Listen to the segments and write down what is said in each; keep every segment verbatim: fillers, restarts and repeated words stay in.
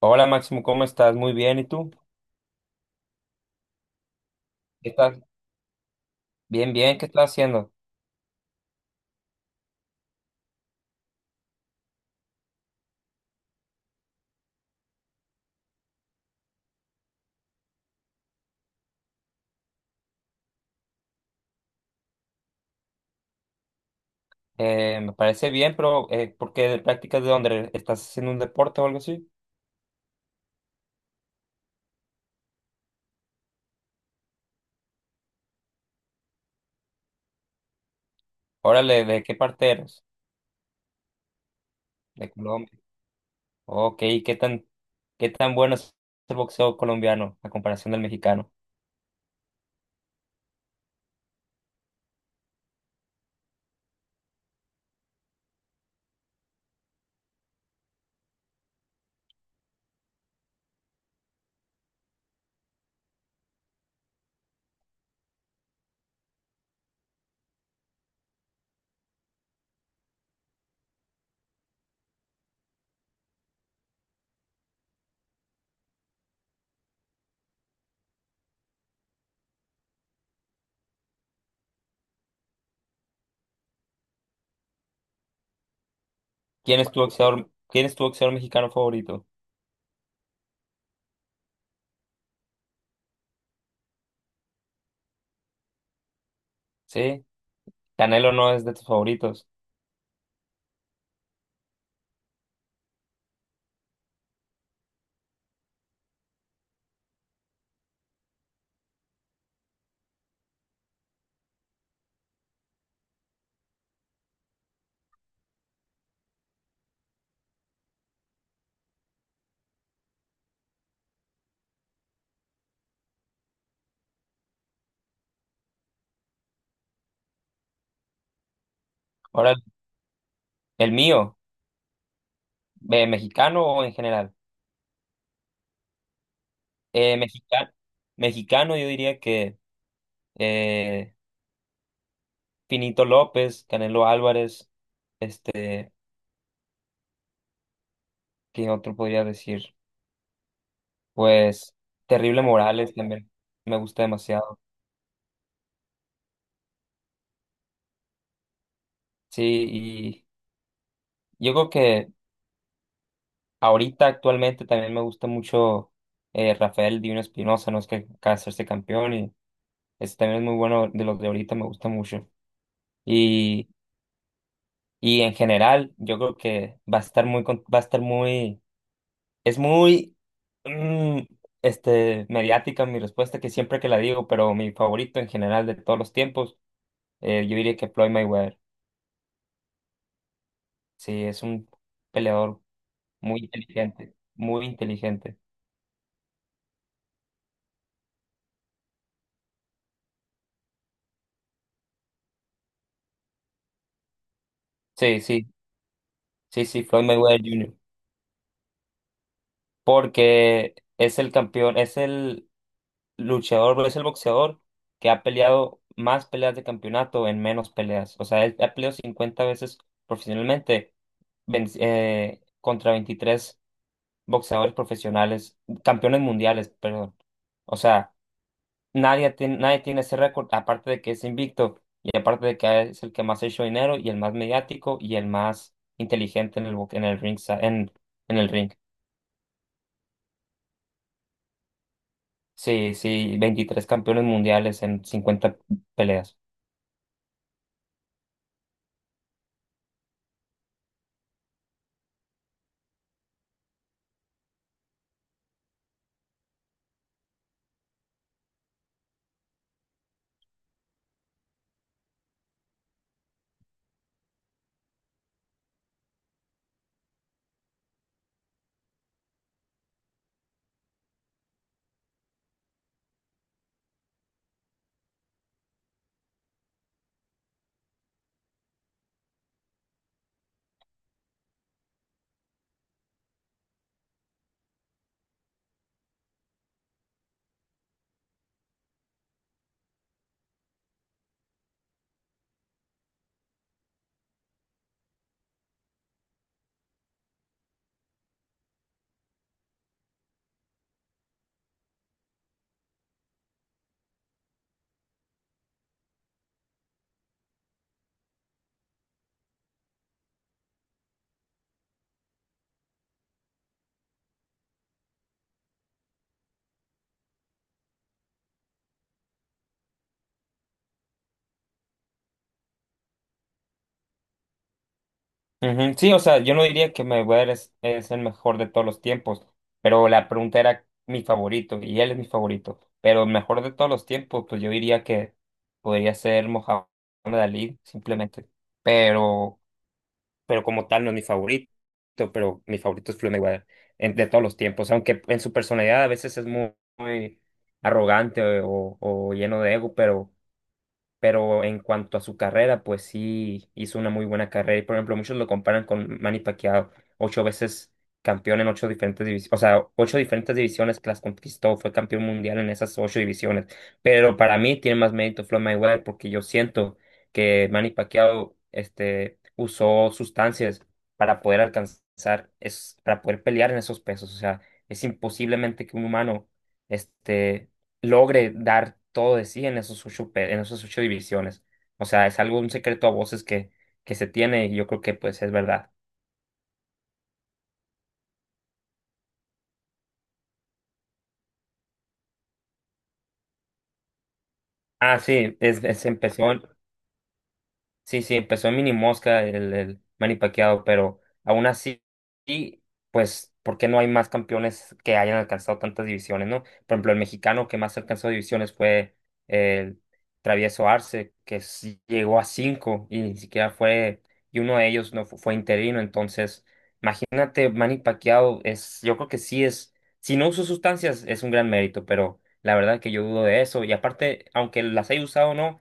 Hola Máximo, ¿cómo estás? Muy bien, ¿y tú? ¿Qué estás? Bien, bien, ¿qué estás haciendo? Eh, me parece bien, pero eh, ¿por qué de prácticas de dónde? ¿Estás haciendo un deporte o algo así? Órale, ¿de qué parte eres? De Colombia. Ok, ¿qué tan, qué tan bueno es el boxeo colombiano a comparación del mexicano? ¿Quién es tu boxeador, quién es tu boxeador mexicano favorito? ¿Sí? Canelo no es de tus favoritos. Órale, ¿el mío? ¿Eh, ¿Mexicano o en general? Eh, mexicano, mexicano yo diría que eh, Pinito López, Canelo Álvarez, este, ¿qué otro podría decir? Pues Terrible Morales también me gusta demasiado. Sí, y yo creo que ahorita actualmente también me gusta mucho eh, Rafael Divino Espinosa, no es que acaba de hacerse campeón y este también es muy bueno de los de ahorita, me gusta mucho. Y, y en general, yo creo que va a estar muy, con- va a estar muy es muy, mm, este, mediática mi respuesta, que siempre que la digo, pero mi favorito en general de todos los tiempos, eh, yo diría que Floyd Mayweather. Sí, es un peleador muy inteligente, muy inteligente. Sí, sí, sí, sí, Floyd Mayweather júnior Porque es el campeón, es el luchador, es el boxeador que ha peleado más peleas de campeonato en menos peleas. O sea, él ha peleado cincuenta veces profesionalmente, ven- eh, contra veintitrés boxeadores profesionales, campeones mundiales, perdón. O sea, nadie, tiene- nadie tiene ese récord, aparte de que es invicto y aparte de que es el que más ha hecho dinero y el más mediático y el más inteligente en el, bo- en el ring, sa- en, en el ring. Sí, sí, veintitrés campeones mundiales en cincuenta peleas. Ujú. Sí, o sea, yo no diría que Mayweather es, es el mejor de todos los tiempos, pero la pregunta era mi favorito y él es mi favorito, pero el mejor de todos los tiempos, pues yo diría que podría ser Mohamed Ali, simplemente, pero, pero como tal no es mi favorito, pero mi favorito es Floyd Mayweather en- de todos los tiempos, aunque en su personalidad a veces es muy, muy arrogante o, o lleno de ego, pero pero en cuanto a su carrera, pues sí hizo una muy buena carrera. Y por ejemplo, muchos lo comparan con Manny Pacquiao, ocho veces campeón en ocho diferentes divisiones, o sea, ocho diferentes divisiones que las conquistó, fue campeón mundial en esas ocho divisiones. Pero para mí tiene más mérito Floyd Mayweather porque yo siento que Manny Pacquiao este, usó sustancias para poder alcanzar, es, para poder pelear en esos pesos. O sea, es imposiblemente que un humano este, logre dar todo de sí en esos ocho, pe- en esos ocho divisiones. O sea, es algo, un secreto a voces que, que se tiene y yo creo que pues es verdad. Ah, sí, es, es- empezó. Sí, sí, empezó en Mini Mosca el, el Manny Pacquiao, pero aún así, y, pues, ¿por qué no hay más campeones que hayan alcanzado tantas divisiones, no? Por ejemplo, el mexicano que más alcanzó divisiones fue el Travieso Arce, que sí llegó a cinco y ni siquiera fue, y uno de ellos no fu- fue interino. Entonces, imagínate, Manny Pacquiao es, yo creo que sí es, si no usó sustancias es un gran mérito, pero la verdad que yo dudo de eso, y aparte, aunque las haya usado o no,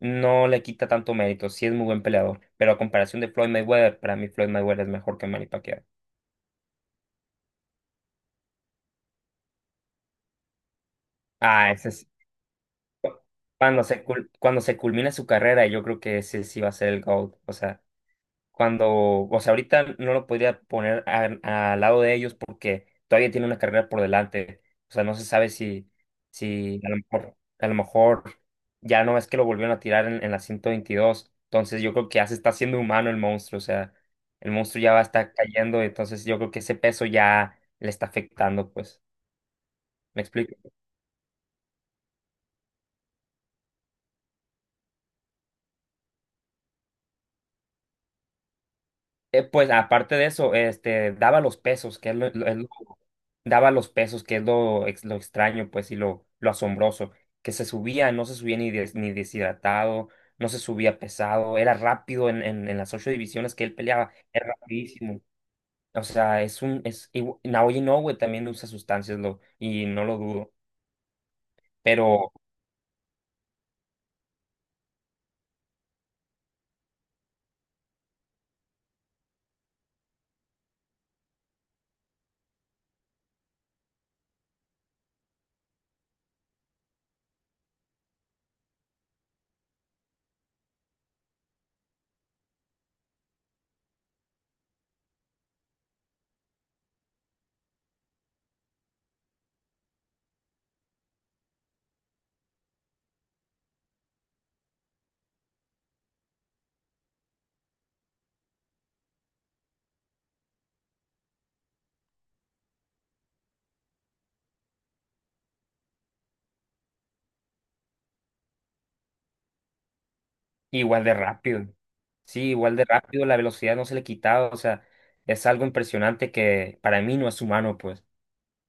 no le quita tanto mérito. Sí es muy buen peleador, pero a comparación de Floyd Mayweather, para mí Floyd Mayweather es mejor que Manny Pacquiao. Ah, ese es cuando se cul- cuando se culmine su carrera, yo creo que ese sí va a ser el GOAT. O sea, cuando, o sea, ahorita no lo podría poner a- al lado de ellos porque todavía tiene una carrera por delante. O sea, no se sabe si, si a lo mejor, a lo mejor ya no es que lo volvieron a tirar en, en la ciento veintidós. Entonces yo creo que ya se está haciendo humano el monstruo. O sea, el monstruo ya va a estar cayendo. Entonces yo creo que ese peso ya le está afectando, pues. ¿Me explico? Eh, pues aparte de eso, este, daba los pesos, que es lo, lo- es lo daba los pesos, que es lo, ex- lo extraño, pues, y lo, lo asombroso, que se subía, no se subía ni, des- ni deshidratado, no se subía pesado, era rápido en, en, en las ocho divisiones que él peleaba, era rapidísimo. O sea, es un, es, igu- Naoya Inoue también usa sustancias, lo, y no lo dudo, pero igual de rápido. Sí, igual de rápido, la velocidad no se le quitaba, o sea, es algo impresionante que para mí no es humano, pues.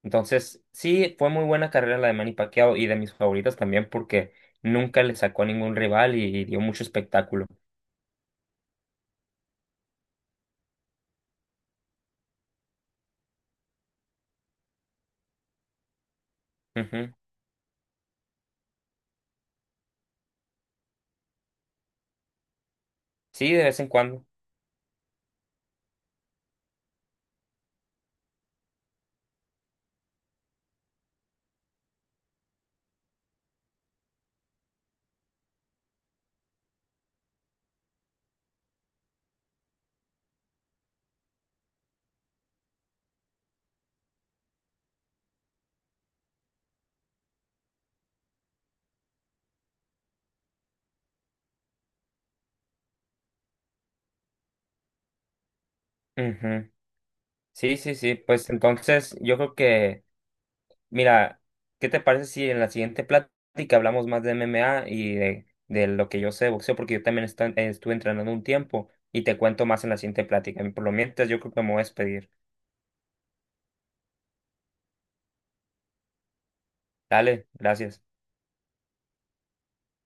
Entonces, sí, fue muy buena carrera la de Manny Pacquiao y de mis favoritas también porque nunca le sacó a ningún rival y dio mucho espectáculo. Ujú. Sí, de vez en cuando. Ujú. Sí, sí, sí. Pues entonces yo creo que, mira, ¿qué te parece si en la siguiente plática hablamos más de M M A y de, de lo que yo sé de boxeo? Porque yo también estu- eh, estuve entrenando un tiempo y te cuento más en la siguiente plática. Por lo mientras, yo creo que me voy a despedir. Dale, gracias.